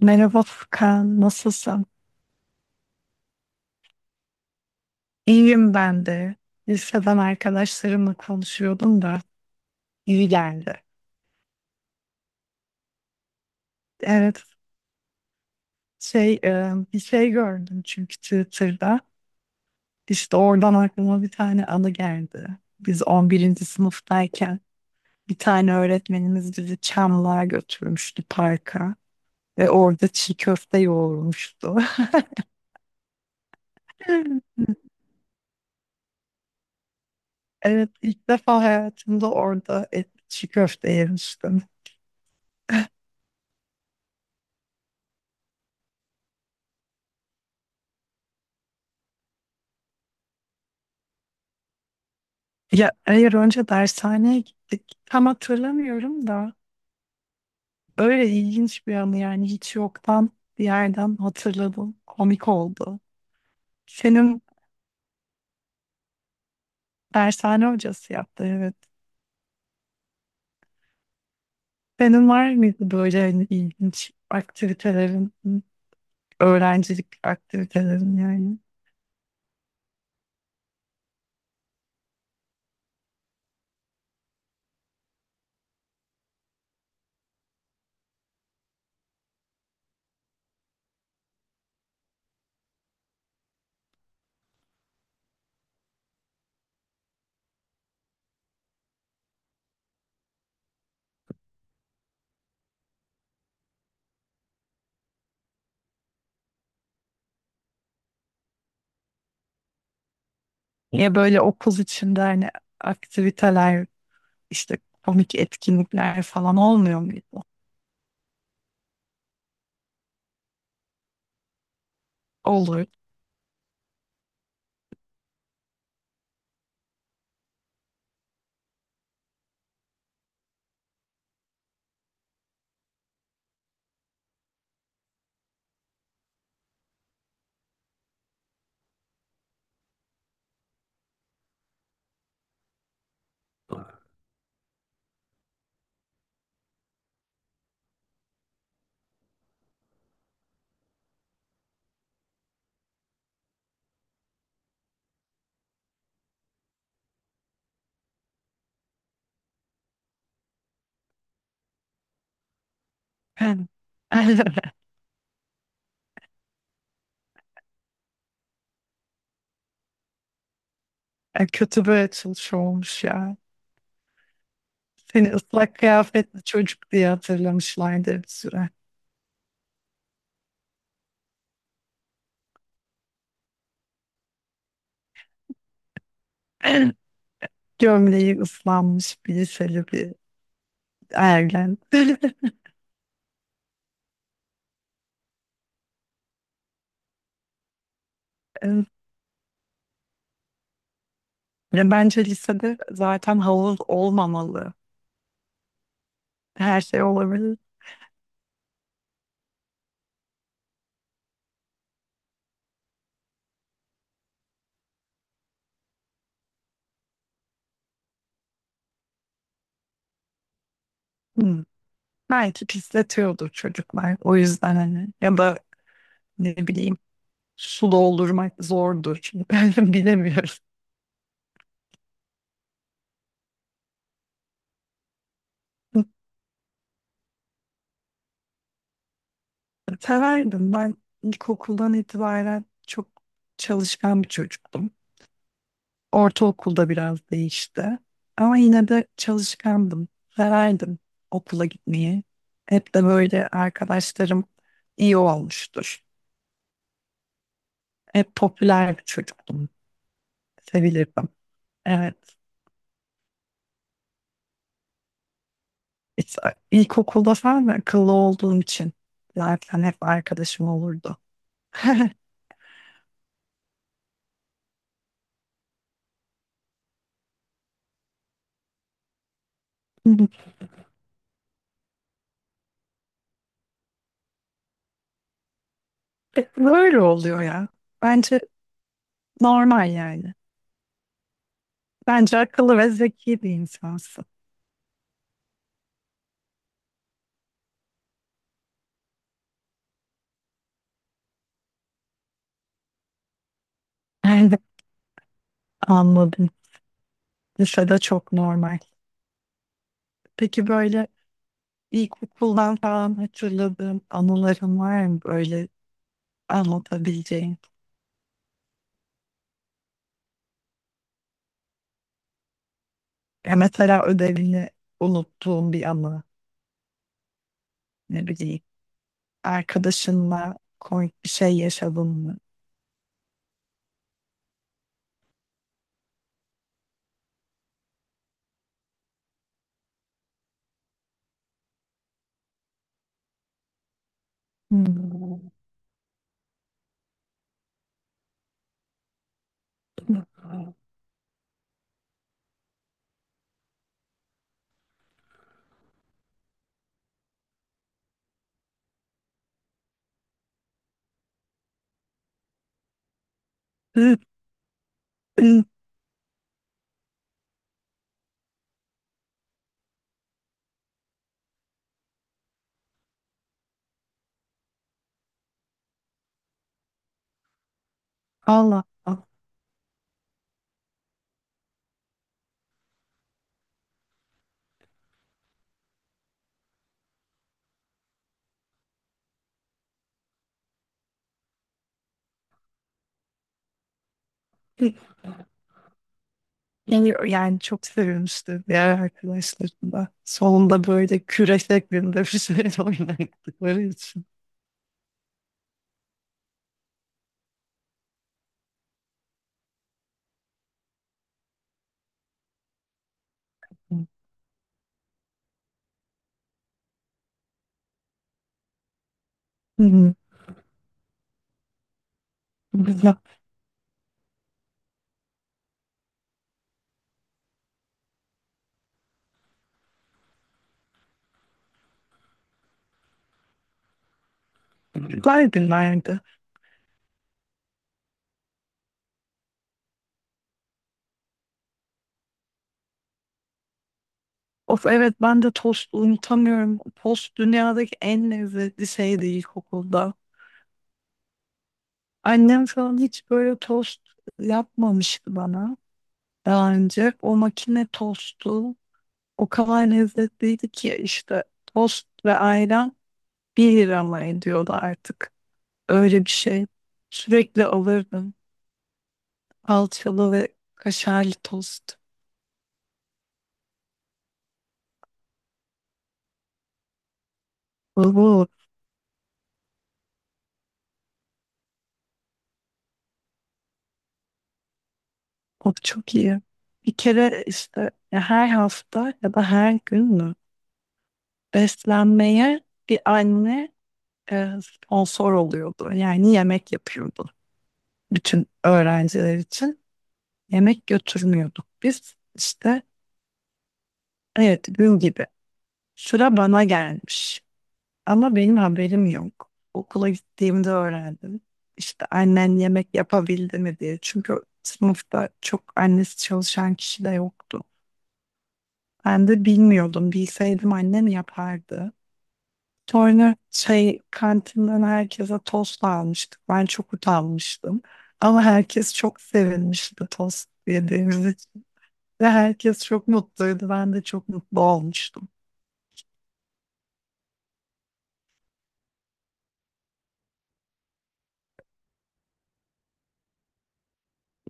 Merhaba Furkan, nasılsın? İyiyim ben de. Liseden arkadaşlarımla konuşuyordum da iyi geldi. Evet, bir şey gördüm çünkü Twitter'da. İşte oradan aklıma bir tane anı geldi. Biz 11. sınıftayken bir tane öğretmenimiz bizi Çamlı'ya götürmüştü parka ve orada çiğ köfte yoğurmuştu. Evet, ilk defa hayatımda orada et, çiğ köfte yemiştim. Ya hayır önce dershaneye gittik. Tam hatırlamıyorum da öyle ilginç bir anı yani hiç yoktan bir yerden hatırladım. Komik oldu. Senin dershane hocası yaptı, evet. Senin var mıydı böyle hani ilginç aktivitelerin, öğrencilik aktivitelerin yani? Ya böyle okul içinde hani aktiviteler işte komik etkinlikler falan olmuyor muydu? Olur. Ben. Kötü böyle çalışıyor olmuş ya. Seni ıslak kıyafetli çocuk diye hatırlamışlardı bir süre. Gömleği ıslanmış bir liseli bir ergen. E, Ya bence lisede zaten havuz olmamalı. Her şey olabilir. Hmm. Belki pisletiyordur çocuklar. O yüzden hani ya da ne bileyim su doldurmak zordur. Şimdi ben bilemiyorum. Severdim. Ben ilkokuldan itibaren çok çalışkan bir çocuktum. Ortaokulda biraz değişti. Ama yine de çalışkandım. Severdim okula gitmeyi. Hep de böyle arkadaşlarım iyi olmuştur. Hep popüler bir çocuktum. Sevilirdim. Evet. İşte ilkokulda falan da akıllı olduğum için zaten hep arkadaşım olurdu. Böyle oluyor ya. Bence normal yani. Bence akıllı ve zeki bir insansın. Yani anladım. Lisede çok normal. Peki böyle İlkokuldan falan hatırladığım anılarım var mı böyle anlatabileceğin? Ya mesela ödevini unuttuğum bir anı ne bileyim. Arkadaşınla komik bir şey yaşadın mı? Hmm. Hı, hı, Allah Allah. Geliyor. Yani çok sevmiştim diğer arkadaşlarımla. Sonunda böyle küre şeklinde bir şey oynattıkları için. Hı. Hı. Güzel. Güzel günlerdi. Of, evet ben de tost unutamıyorum. Tost dünyadaki en lezzetli şeydi ilkokulda. Annem falan hiç böyle tost yapmamıştı bana daha önce. O makine tostu o kadar lezzetliydi ki işte tost ve ayran 1 lira mı ediyordu artık. Öyle bir şey. Sürekli alırdım. Salçalı ve kaşarlı tost. Oo, o çok iyi. Bir kere işte ya her hafta ya da her gün mü beslenmeye bir anne sponsor oluyordu. Yani yemek yapıyordu bütün öğrenciler için. Yemek götürmüyorduk biz. İşte evet gün gibi sıra bana gelmiş ama benim haberim yok. Okula gittiğimde öğrendim. İşte annen yemek yapabildi mi diye. Çünkü sınıfta çok annesi çalışan kişi de yoktu. Ben de bilmiyordum. Bilseydim annem yapardı. Sonra şey kantinden herkese tost almıştık. Ben çok utanmıştım. Ama herkes çok sevinmişti tost yediğimiz için. Ve herkes çok mutluydu. Ben de çok mutlu olmuştum.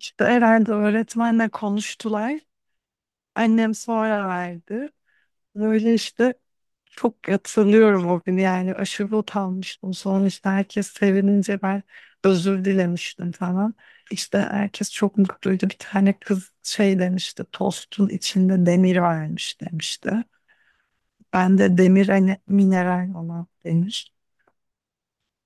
İşte herhalde öğretmenle konuştular. Annem sonra verdi. Böyle işte çok hatırlıyorum o günü yani aşırı utanmıştım. Sonra işte herkes sevinince ben özür dilemiştim falan. İşte herkes çok mutluydu. Bir tane kız şey demişti tostun içinde demir varmış demişti. Ben de demir hani mineral olan demiş.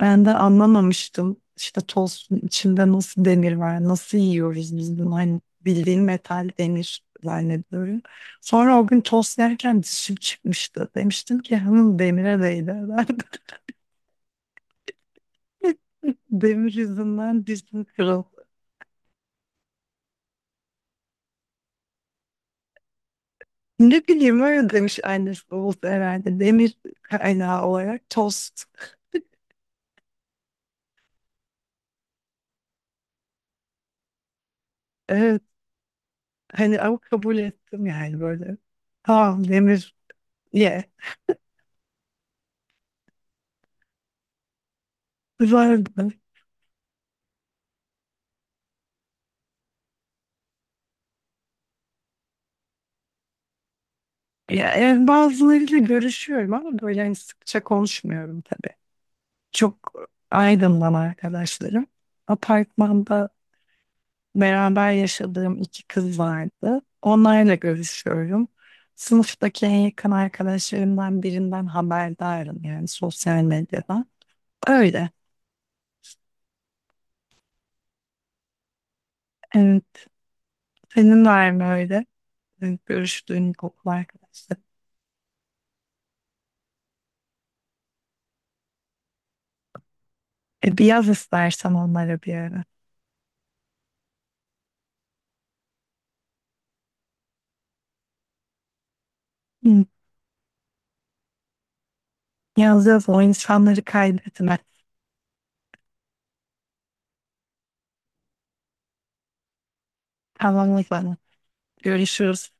Ben de anlamamıştım işte tostun içinde nasıl demir var, nasıl yiyoruz biz bunu, hani bildiğin metal demir zannediyorum. Sonra o gün tost yerken dişim çıkmıştı. Demiştim ki hanım demire değdi. Demir yüzünden dizim kırıldı. Ne bileyim öyle demiş annesi oldu herhalde. Demir kaynağı olarak tost. Evet. Hani ama kabul ettim yani böyle. Tamam demir ye. Güzeldi. Ya, yani bazılarıyla görüşüyorum ama böyle hani sıkça konuşmuyorum tabii. Çok aydınlan arkadaşlarım. Apartmanda beraber yaşadığım iki kız vardı. Onlarla görüşüyorum. Sınıftaki en yakın arkadaşlarımdan birinden haberdarım yani sosyal medyada. Öyle. Evet. Senin var mı öyle? Evet, görüştüğün okul arkadaşları. E, bir yaz istersen onlara bir ara. Hı, yaz yaz o insanları kaydetme. Tamam o zaman. Görüşürüz.